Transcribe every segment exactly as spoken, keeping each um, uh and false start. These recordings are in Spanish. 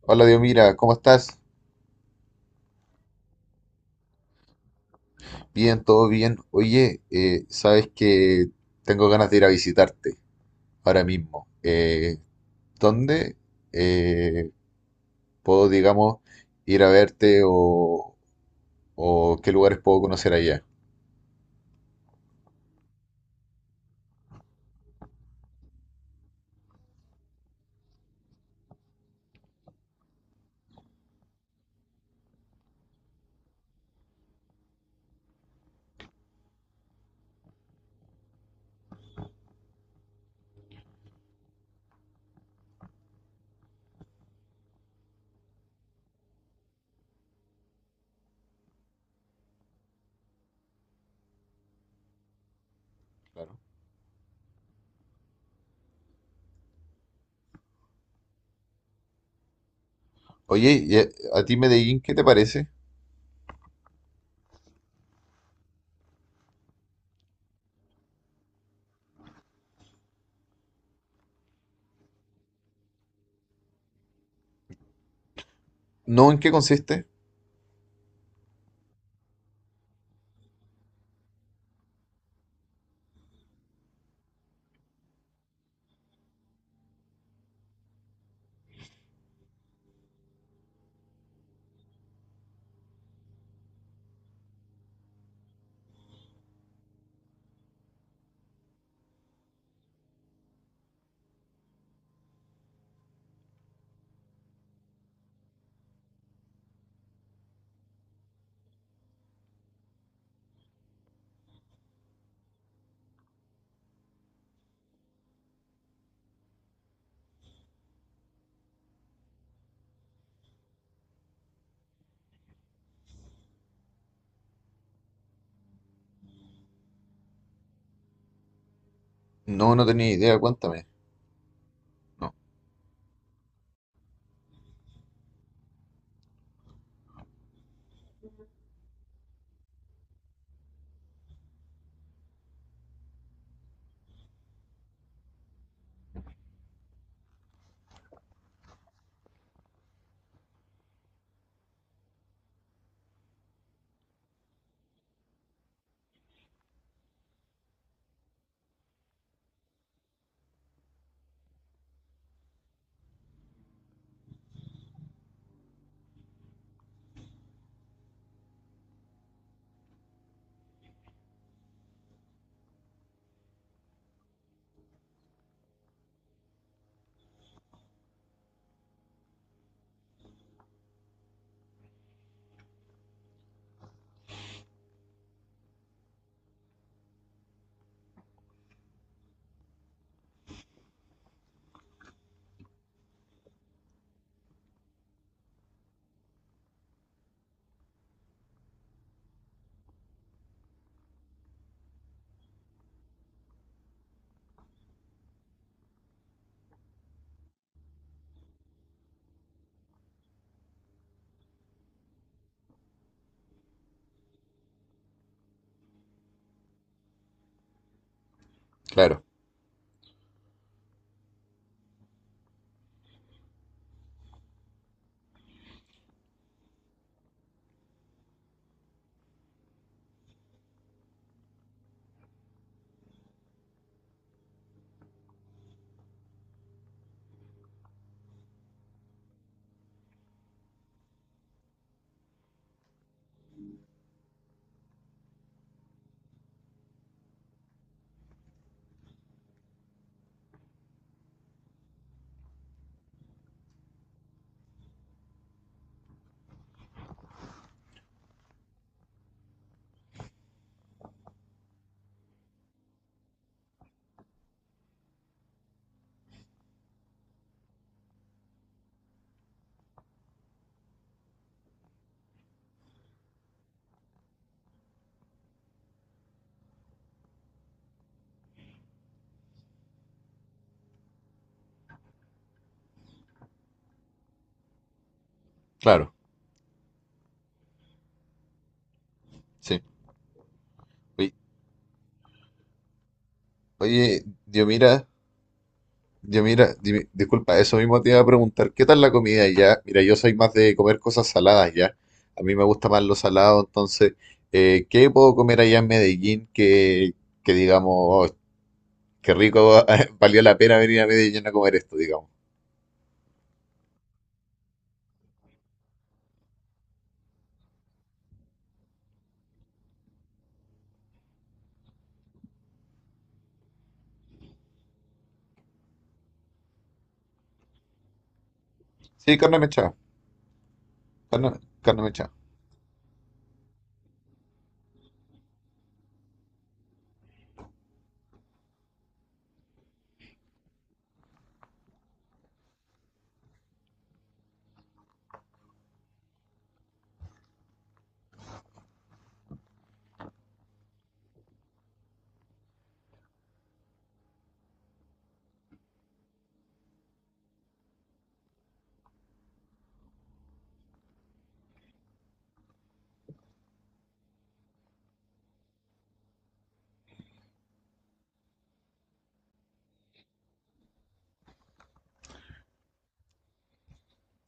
Hola, Dios, mira, ¿cómo estás? Bien, todo bien. Oye, eh, sabes que tengo ganas de ir a visitarte ahora mismo. Eh, ¿dónde eh, puedo, digamos, ir a verte o, o qué lugares puedo conocer allá? Claro. Oye, ¿y a, a ti Medellín qué te parece? ¿No? ¿En qué consiste? No, no tenía idea, cuéntame. No, claro, claro, sí. Oye, oye, Dios, mira. Yo mira, dime- disculpa, eso mismo te iba a preguntar, ¿qué tal la comida ya? Mira, yo soy más de comer cosas saladas ya. A mí me gusta más lo salado, entonces, eh, ¿qué puedo comer allá en Medellín que, que digamos, oh, qué rico, valió la pena venir a Medellín a comer esto, digamos? Sí, carne mechada, carne, carne mechada,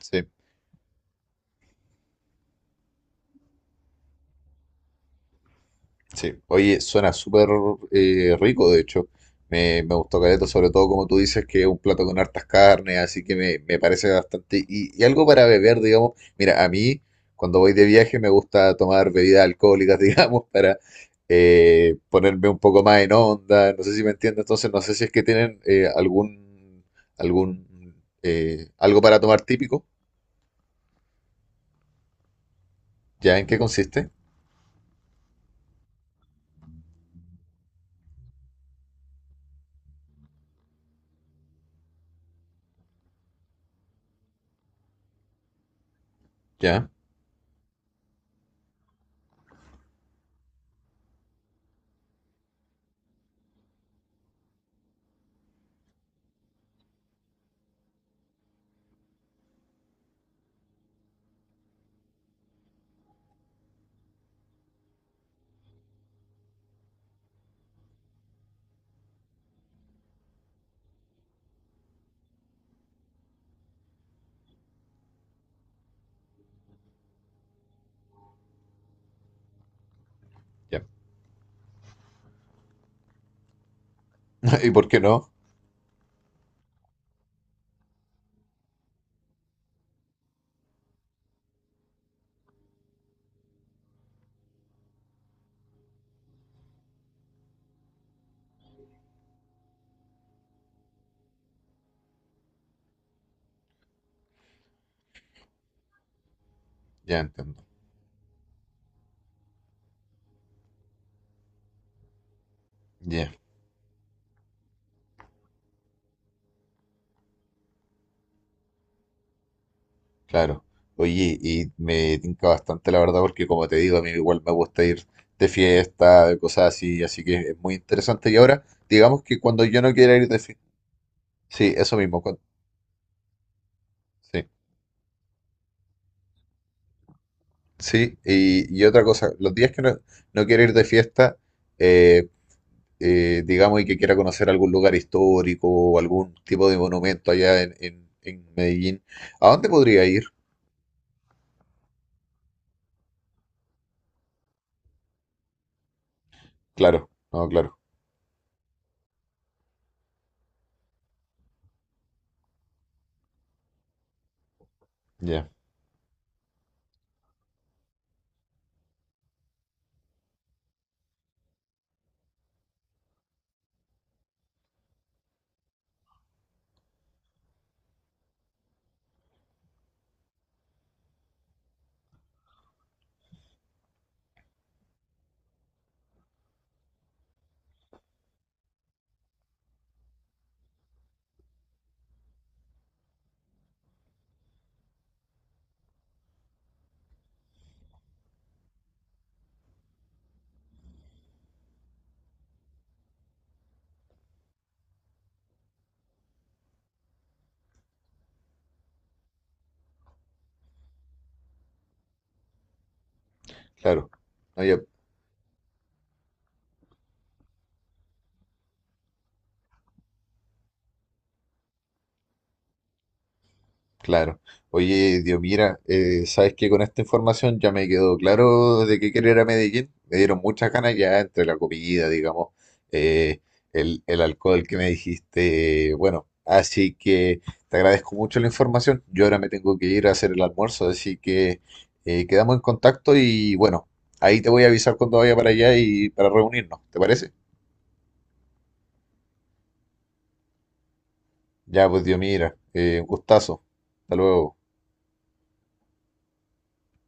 sí. Sí, oye, suena súper eh, rico, de hecho. Me, me gustó caleta, sobre todo como tú dices, que es un plato con hartas carnes, así que me, me parece bastante. Y, y algo para beber, digamos. Mira, a mí, cuando voy de viaje, me gusta tomar bebidas alcohólicas, digamos, para eh, ponerme un poco más en onda. No sé si me entiendes, entonces no sé si es que tienen eh, algún, algún, eh, algo para tomar típico. ¿Ya? ¿En qué consiste? ¿Ya? ¿Ya? ¿Y por qué no? Ya entiendo. Ya. Claro. Oye, y me tinca bastante la verdad porque como te digo, a mí igual me gusta ir de fiesta, de cosas así, así que es muy interesante. Y ahora, digamos que cuando yo no quiera ir de fiesta, sí, eso mismo, cuan- sí, sí, y, y otra cosa, los días que no, no quiero ir de fiesta, eh, eh, digamos, y que quiera conocer algún lugar histórico o algún tipo de monumento allá en, en, en Medellín, ¿a dónde podría ir? Claro, no, claro, ya, claro. No, ya. Claro. Oye, Dios, mira, eh, sabes que con esta información ya me quedó claro de qué querer a Medellín. Me dieron muchas ganas ya entre la comida, digamos, eh, el, el alcohol que me dijiste. Bueno, así que te agradezco mucho la información. Yo ahora me tengo que ir a hacer el almuerzo, así que eh, quedamos en contacto y bueno, ahí te voy a avisar cuando vaya para allá y para reunirnos, ¿te parece? Ya, pues Dios, mira, eh, un gustazo. Hasta luego.